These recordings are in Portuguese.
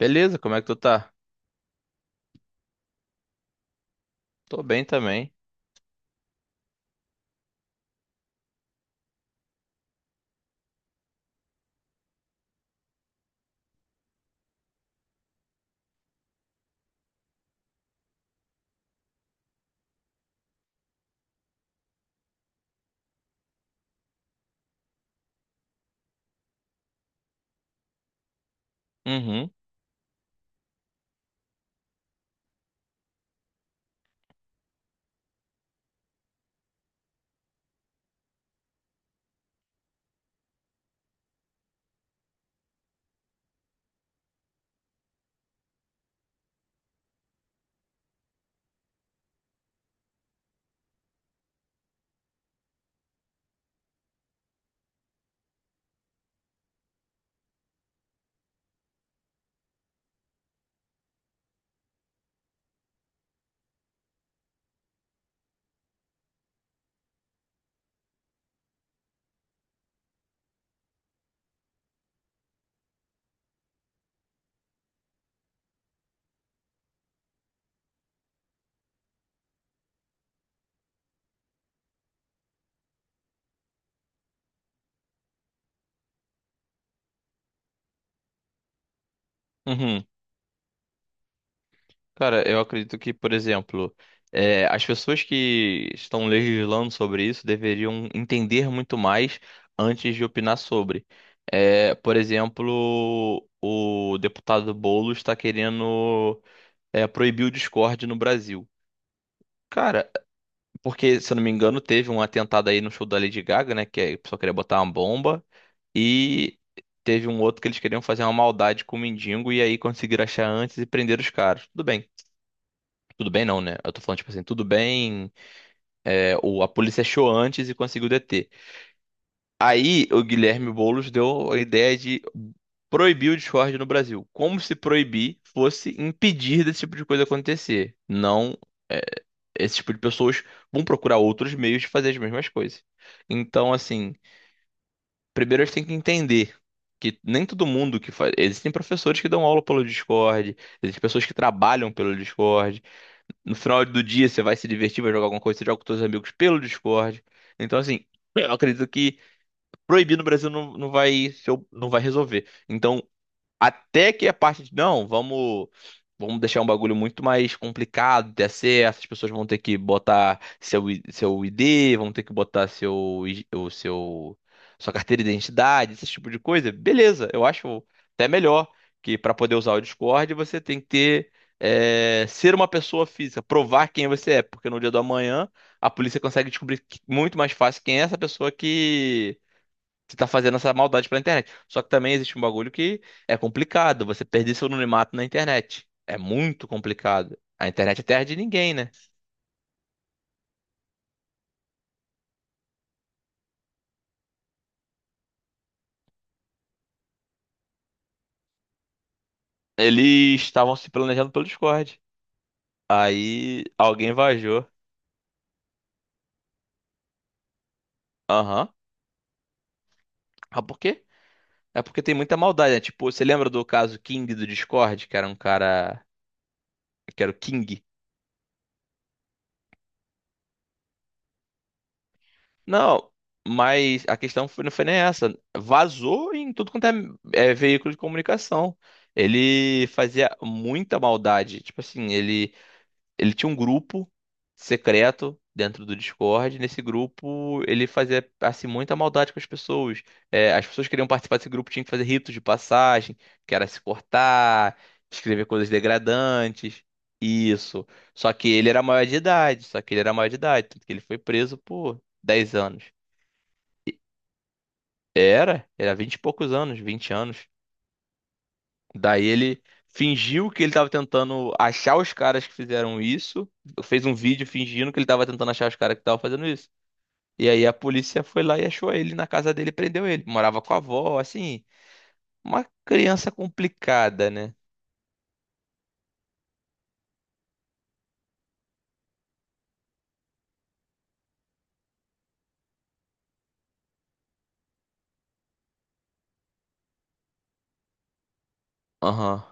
Beleza, como é que tu tá? Tô bem também. Uhum, uhum. Cara, eu acredito que, por exemplo, as pessoas que estão legislando sobre isso deveriam entender muito mais antes de opinar sobre. É, por exemplo, o deputado Boulos está querendo, proibir o Discord no Brasil. Cara, porque, se eu não me engano, teve um atentado aí no show da Lady Gaga, né? Que a pessoa queria botar uma bomba. E teve um outro que eles queriam fazer uma maldade com o mendigo. E aí conseguiram achar antes e prender os caras. Tudo bem. Tudo bem, não, né? Eu tô falando, tipo assim, tudo bem. O, a polícia achou antes e conseguiu deter. Aí o Guilherme Boulos deu a ideia de proibir o Discord no Brasil. Como se proibir fosse impedir desse tipo de coisa acontecer. Não, é, esse tipo de pessoas vão procurar outros meios de fazer as mesmas coisas. Então, assim, primeiro a gente tem que entender que nem todo mundo que faz. Existem professores que dão aula pelo Discord, existem pessoas que trabalham pelo Discord. No final do dia você vai se divertir, vai jogar alguma coisa, você joga com seus amigos pelo Discord. Então, assim, eu acredito que proibir no Brasil não vai ser não vai resolver. Então, até que a parte de não, vamos deixar um bagulho muito mais complicado de acesso, as pessoas vão ter que botar seu ID, vão ter que botar o seu sua carteira de identidade, esse tipo de coisa. Beleza, eu acho até melhor que para poder usar o Discord você tem que ter ser uma pessoa física, provar quem você é, porque no dia do amanhã a polícia consegue descobrir muito mais fácil quem é essa pessoa que você tá fazendo essa maldade pela internet. Só que também existe um bagulho que é complicado. Você perder seu anonimato na internet. É muito complicado. A internet é terra de ninguém, né? Eles estavam se planejando pelo Discord. Aí alguém vazou. Aham. Ah, por quê? É porque tem muita maldade, né? Tipo, você lembra do caso King do Discord, que era um cara. Que era o King. Não, mas a questão não foi nem essa. Vazou em tudo quanto é, veículo de comunicação. Ele fazia muita maldade. Tipo assim, ele tinha um grupo secreto dentro do Discord. Nesse grupo, ele fazia assim muita maldade com as pessoas. As pessoas que queriam participar desse grupo, tinham que fazer ritos de passagem, que era se cortar, escrever coisas degradantes. Isso. Só que ele era maior de idade. Só que ele era maior de idade, tanto que ele foi preso por 10 anos. Era, era 20 e poucos anos, 20 anos. Daí ele fingiu que ele tava tentando achar os caras que fizeram isso, fez um vídeo fingindo que ele tava tentando achar os caras que estavam fazendo isso. E aí a polícia foi lá e achou ele na casa dele e prendeu ele. Morava com a avó, assim, uma criança complicada, né? Aham.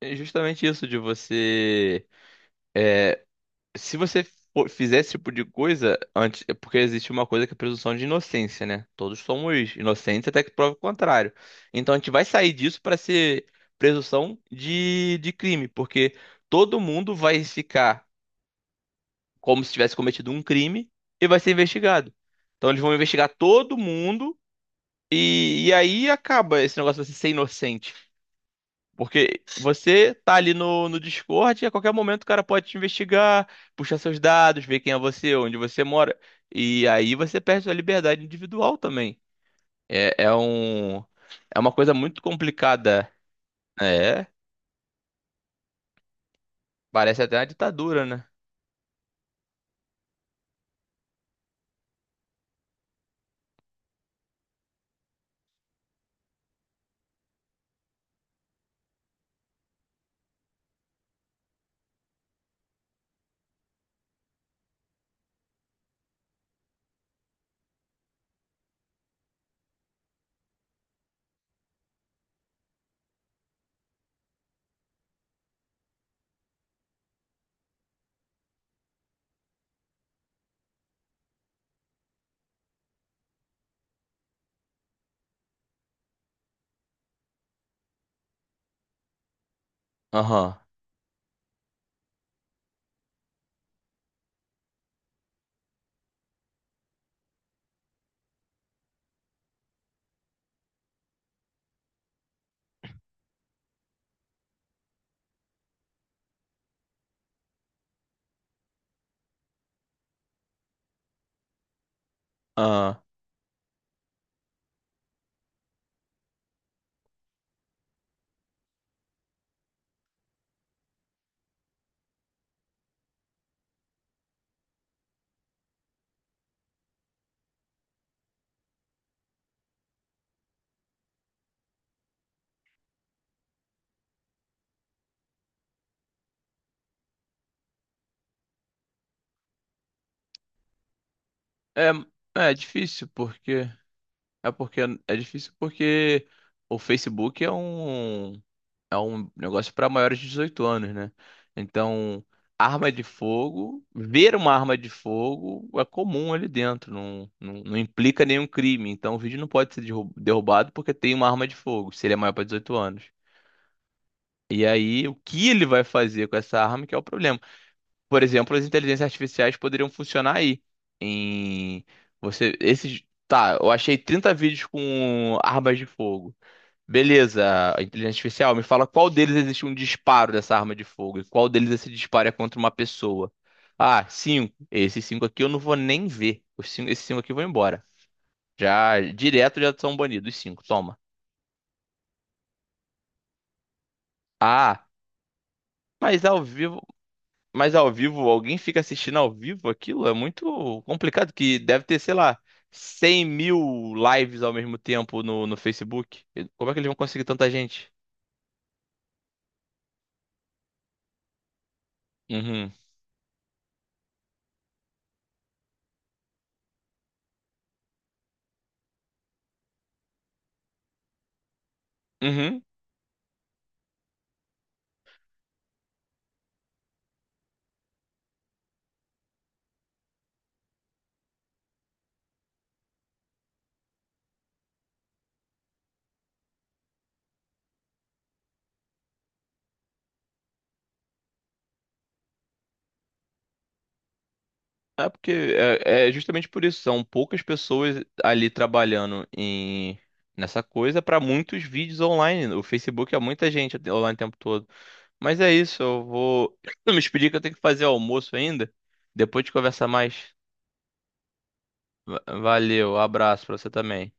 É justamente isso de você. Se você fizer esse tipo de coisa antes, é porque existe uma coisa que é a presunção de inocência, né? Todos somos inocentes até que prove o contrário. Então a gente vai sair disso para ser presunção de crime, porque todo mundo vai ficar como se tivesse cometido um crime e vai ser investigado. Então eles vão investigar todo mundo e aí acaba esse negócio de você ser inocente. Porque você tá ali no Discord e a qualquer momento o cara pode te investigar, puxar seus dados, ver quem é você, onde você mora. E aí você perde sua liberdade individual também. É, é um, é uma coisa muito complicada. É, parece até uma ditadura, né? Aham, aham. É, é difícil porque. É porque é difícil porque o Facebook é um negócio para maiores de 18 anos, né? Então, arma de fogo, ver uma arma de fogo é comum ali dentro, não implica nenhum crime. Então, o vídeo não pode ser derrubado porque tem uma arma de fogo, se ele é maior para 18 anos. E aí, o que ele vai fazer com essa arma que é o problema. Por exemplo, as inteligências artificiais poderiam funcionar aí. Em você, esses, tá, eu achei 30 vídeos com armas de fogo. Beleza, a inteligência artificial, me fala qual deles existe um disparo dessa arma de fogo e qual deles esse disparo é contra uma pessoa. Ah, cinco. Esses cinco aqui eu não vou nem ver. Esses cinco aqui vão embora. Já direto já são banidos. Os cinco, toma. Ah, mas ao vivo, mas ao vivo, alguém fica assistindo ao vivo aquilo? É muito complicado, que deve ter, sei lá, 100 mil lives ao mesmo tempo no Facebook. Como é que eles vão conseguir tanta gente? Uhum. Uhum. É porque é justamente por isso, são poucas pessoas ali trabalhando em nessa coisa para muitos vídeos online. O Facebook é muita gente online o tempo todo. Mas é isso, eu vou me expedir que eu tenho que fazer almoço ainda. Depois de conversar mais. Valeu, abraço para você também.